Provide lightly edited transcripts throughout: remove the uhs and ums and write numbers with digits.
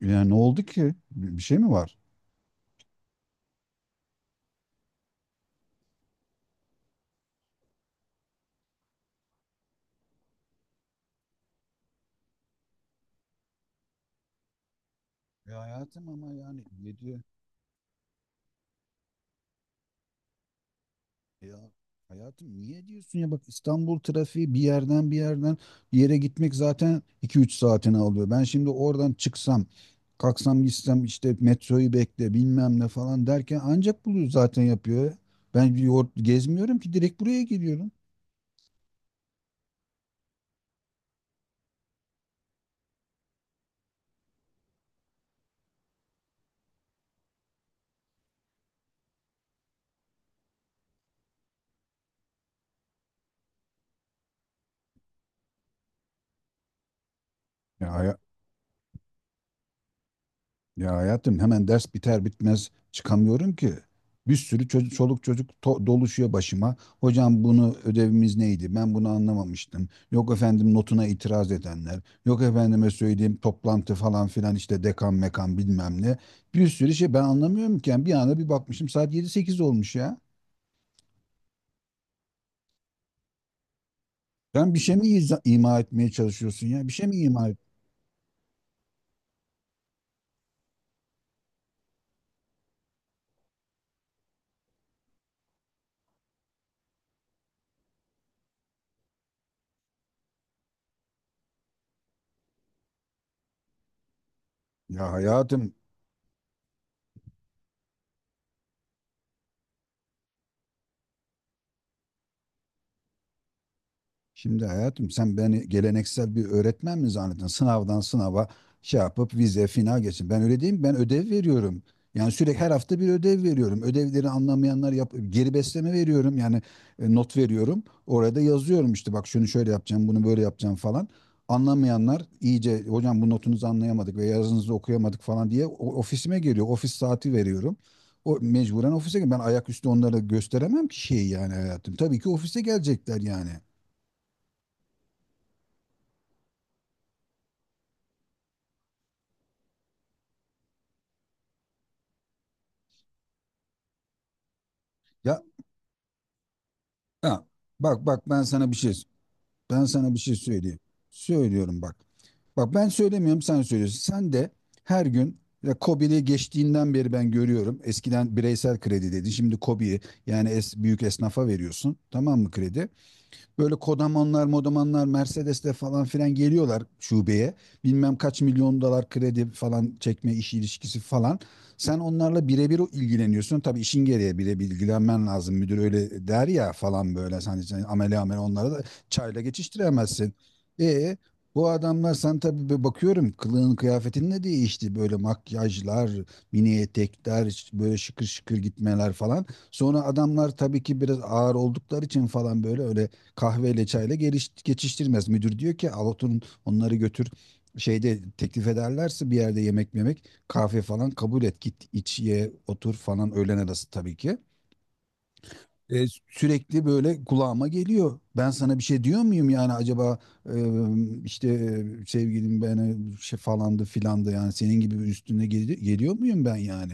Yani ne oldu ki? Bir şey mi var? Ya hayatım, ama yani ne diyor? Ya hayatım, niye diyorsun ya? Bak, İstanbul trafiği bir yerden bir yere gitmek zaten iki üç saatini alıyor. Ben şimdi oradan çıksam kalksam gitsem işte metroyu bekle bilmem ne falan derken ancak bunu zaten yapıyor. Ben bir yol gezmiyorum ki, direkt buraya geliyorum. Ya Ya hayatım, hemen ders biter bitmez çıkamıyorum ki. Bir sürü çocuk, çoluk çocuk doluşuyor başıma. Hocam bunu ödevimiz neydi? Ben bunu anlamamıştım. Yok efendim notuna itiraz edenler. Yok efendime söyleyeyim, toplantı falan filan, işte dekan mekan bilmem ne. Bir sürü şey, ben anlamıyorum ki. Yani bir anda bir bakmışım saat yedi sekiz olmuş ya. Sen bir şey mi ima etmeye çalışıyorsun ya? Bir şey mi ima et? Ya hayatım. Şimdi hayatım, sen beni geleneksel bir öğretmen mi zannettin? Sınavdan sınava şey yapıp vize final geçin. Ben öyle değil mi? Ben ödev veriyorum. Yani sürekli her hafta bir ödev veriyorum. Ödevleri anlamayanlar yap geri besleme veriyorum. Yani not veriyorum. Orada yazıyorum, işte bak, şunu şöyle yapacağım, bunu böyle yapacağım falan. Anlamayanlar iyice hocam bu notunuzu anlayamadık ve yazınızı okuyamadık falan diye ofisime geliyor. Ofis saati veriyorum. O mecburen ofise gel. Ben ayaküstü onlara gösteremem ki şeyi, yani hayatım. Tabii ki ofise gelecekler yani. Ya. Ha, bak bak, ben sana bir şey söyleyeyim. Söylüyorum bak. Bak, ben söylemiyorum, sen söylüyorsun. Sen de her gün ya, KOBİ'li geçtiğinden beri ben görüyorum. Eskiden bireysel kredi dedi. Şimdi KOBİ'yi yani büyük esnafa veriyorsun. Tamam mı? Kredi? Böyle kodamanlar, modamanlar, Mercedes'le falan filan geliyorlar şubeye. Bilmem kaç milyon dolar kredi falan, çekme işi ilişkisi falan. Sen onlarla birebir ilgileniyorsun. Tabii işin gereği birebir ilgilenmen lazım. Müdür öyle der ya falan böyle. Sen amele amele onlara da çayla geçiştiremezsin. E, bu adamlar, sen tabii bir bakıyorum kılığın kıyafetin ne değişti, böyle makyajlar, mini etekler, böyle şıkır şıkır gitmeler falan. Sonra adamlar tabii ki biraz ağır oldukları için falan, böyle öyle kahveyle çayla geliş, geçiştirmez. Müdür diyor ki al oturun onları, götür şeyde teklif ederlerse bir yerde yemek yemek kahve falan kabul et, git iç ye otur falan, öğlen arası tabii ki. E, sürekli böyle kulağıma geliyor. Ben sana bir şey diyor muyum yani acaba, e, işte, sevgilim beni şey falandı filandı yani senin gibi bir üstüne geliyor muyum ben yani?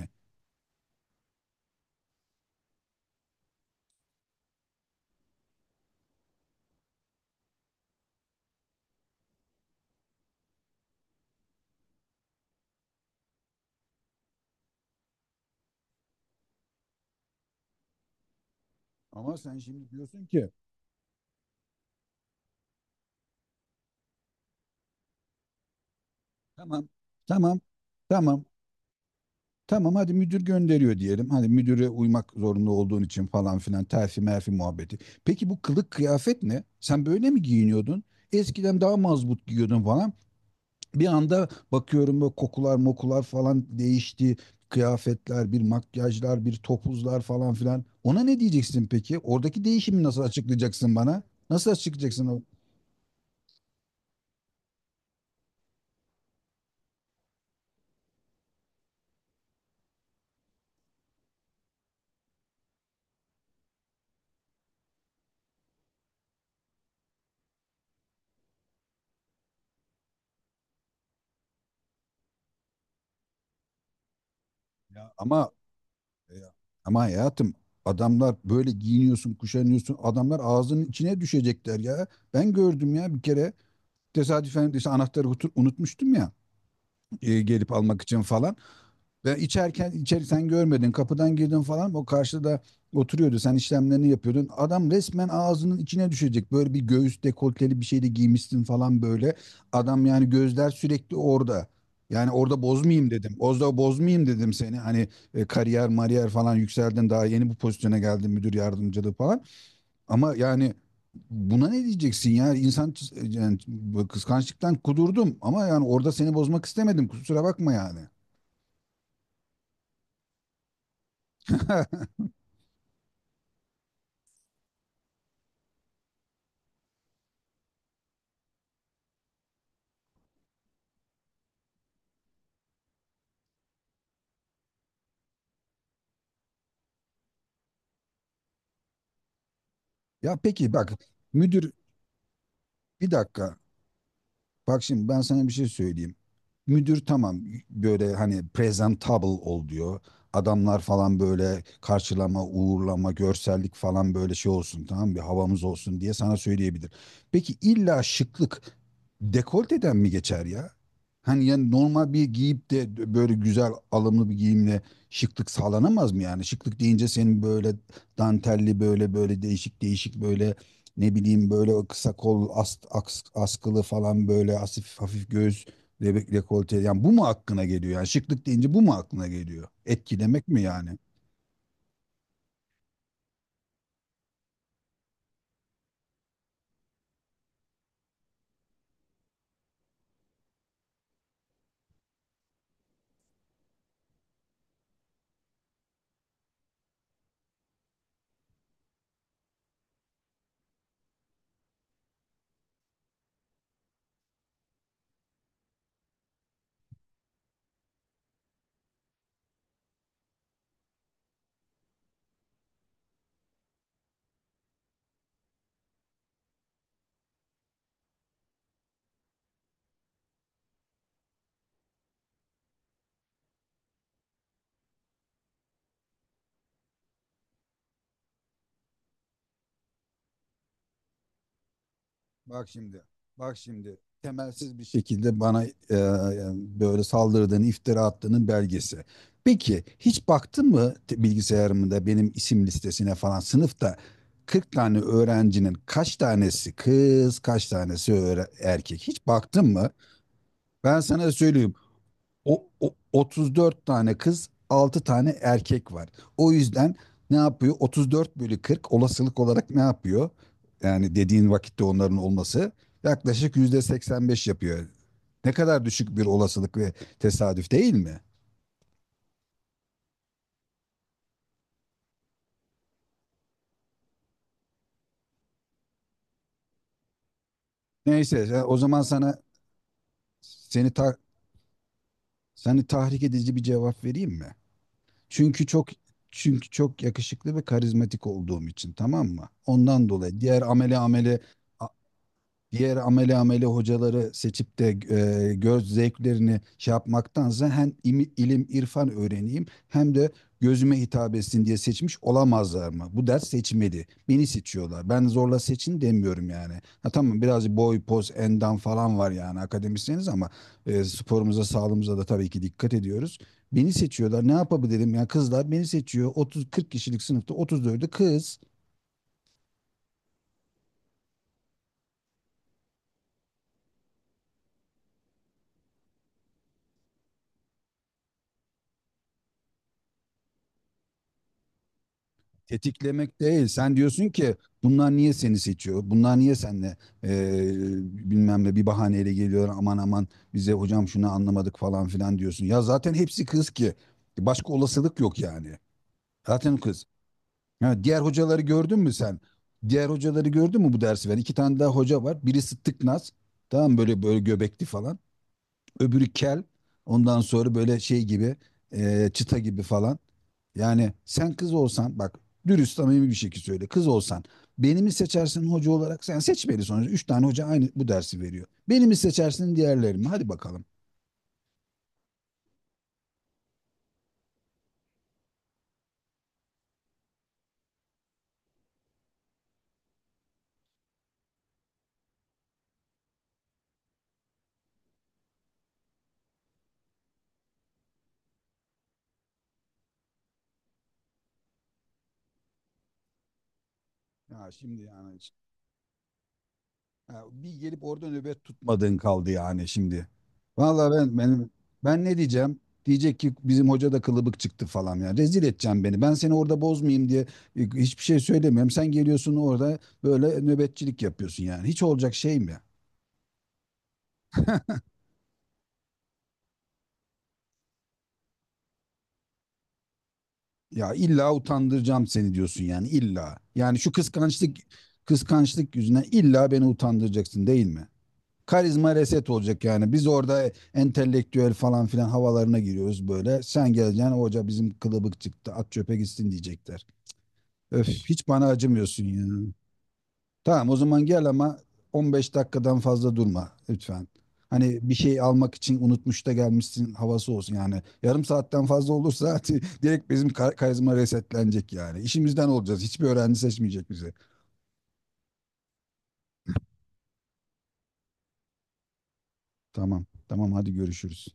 Ama sen şimdi diyorsun ki. Tamam, tamam, tamam. Tamam, hadi müdür gönderiyor diyelim. Hani müdüre uymak zorunda olduğun için falan filan, terfi merfi muhabbeti. Peki bu kılık kıyafet ne? Sen böyle mi giyiniyordun? Eskiden daha mazbut giyiyordun falan. Bir anda bakıyorum, böyle kokular mokular falan değişti. Kıyafetler, bir makyajlar, bir topuzlar falan filan. Ona ne diyeceksin peki? Oradaki değişimi nasıl açıklayacaksın bana? Nasıl açıklayacaksın o? Ya ama Ama hayatım, adamlar böyle giyiniyorsun, kuşanıyorsun. Adamlar ağzının içine düşecekler ya. Ben gördüm ya bir kere, tesadüfen, işte anahtarı unutmuştum ya, gelip almak için falan. Ve içerken, içeri sen görmedin, kapıdan girdin falan, o karşıda oturuyordu, sen işlemlerini yapıyordun. Adam resmen ağzının içine düşecek, böyle bir göğüs dekolteli bir şey de giymişsin falan böyle. Adam yani, gözler sürekli orada. Yani orada bozmayayım dedim. Orada bozmayayım dedim seni. Hani kariyer mariyer falan yükseldin, daha yeni bu pozisyona geldin, müdür yardımcılığı falan. Ama yani buna ne diyeceksin ya? İnsan yani, kıskançlıktan kudurdum ama yani orada seni bozmak istemedim. Kusura bakma yani. Ya peki bak, müdür, bir dakika. Bak şimdi, ben sana bir şey söyleyeyim. Müdür tamam, böyle hani presentable ol diyor. Adamlar falan böyle karşılama, uğurlama, görsellik falan, böyle şey olsun, tamam, bir havamız olsun diye sana söyleyebilir. Peki illa şıklık dekolteden mi geçer ya? Hani yani normal bir giyip de böyle güzel alımlı bir giyimle şıklık sağlanamaz mı yani? Şıklık deyince senin böyle dantelli, böyle böyle değişik değişik, böyle ne bileyim, böyle kısa kol askılı falan, böyle asif hafif göğüs Rekolte yani, bu mu aklına geliyor? Yani şıklık deyince bu mu aklına geliyor? Etkilemek mi yani? Bak şimdi. Bak şimdi. Temelsiz bir şekilde bana yani böyle saldırdığını, iftira attığının belgesi. Peki hiç baktın mı bilgisayarımda benim isim listesine falan, sınıfta 40 tane öğrencinin kaç tanesi kız, kaç tanesi erkek? Hiç baktın mı? Ben sana söyleyeyim. 34 tane kız, 6 tane erkek var. O yüzden ne yapıyor? 34 bölü 40 olasılık olarak ne yapıyor? Yani dediğin vakitte onların olması yaklaşık yüzde 85 yapıyor. Ne kadar düşük bir olasılık ve tesadüf değil mi? Neyse ya, o zaman sana seni ta- seni tahrik edici bir cevap vereyim mi? Çünkü çok Çünkü çok yakışıklı ve karizmatik olduğum için, tamam mı? Ondan dolayı diğer amele amele hocaları seçip de göz zevklerini şey yapmaktansa, hem ilim irfan öğreneyim hem de gözüme hitap etsin diye seçmiş olamazlar mı? Bu ders seçmedi, beni seçiyorlar. Ben zorla seçin demiyorum yani. Ha tamam, birazcık boy, poz, endam falan var yani, akademisyeniz ama sporumuza, sağlığımıza da tabii ki dikkat ediyoruz. Beni seçiyorlar. Ne yapabilirim? Yani kızlar beni seçiyor. 30-40 kişilik sınıfta 34'ü kız. Tetiklemek değil. Sen diyorsun ki bunlar niye seni seçiyor? Bunlar niye senle eee bilmem ne bir bahaneyle geliyor, aman aman bize hocam şunu anlamadık falan filan diyorsun. Ya zaten hepsi kız ki. Başka olasılık yok yani. Zaten kız. Ha, diğer hocaları gördün mü sen? Diğer hocaları gördün mü bu dersi veren? İki tane daha hoca var. Birisi tıknaz. Tamam mı? Böyle böyle göbekli falan. Öbürü kel. Ondan sonra böyle şey gibi çıta gibi falan. Yani sen kız olsan bak, dürüst samimi bir şekilde söyle. Kız olsan beni mi seçersin hoca olarak? Sen seçmeli sonuçta. Üç tane hoca aynı bu dersi veriyor. Beni mi seçersin, diğerleri mi? Hadi bakalım. Ya şimdi yani hiç- Ya, bir gelip orada nöbet tutmadığın kaldı yani şimdi. Vallahi ben ne diyeceğim? Diyecek ki bizim hoca da kılıbık çıktı falan ya. Rezil edeceğim beni. Ben seni orada bozmayayım diye hiçbir şey söylemiyorum. Sen geliyorsun orada böyle nöbetçilik yapıyorsun yani. Hiç olacak şey mi? Ya illa utandıracağım seni diyorsun yani, illa. Yani şu kıskançlık yüzüne illa beni utandıracaksın değil mi? Karizma reset olacak yani. Biz orada entelektüel falan filan havalarına giriyoruz böyle. Sen geleceksin, hoca bizim kılıbık çıktı, at çöpe gitsin diyecekler. Öf, hiç bana acımıyorsun ya. Tamam, o zaman gel ama 15 dakikadan fazla durma lütfen. Hani bir şey almak için unutmuş da gelmişsin havası olsun yani. Yarım saatten fazla olursa direkt bizim karizma resetlenecek yani. İşimizden olacağız. Hiçbir öğrenci seçmeyecek bizi. Tamam. Tamam, hadi görüşürüz.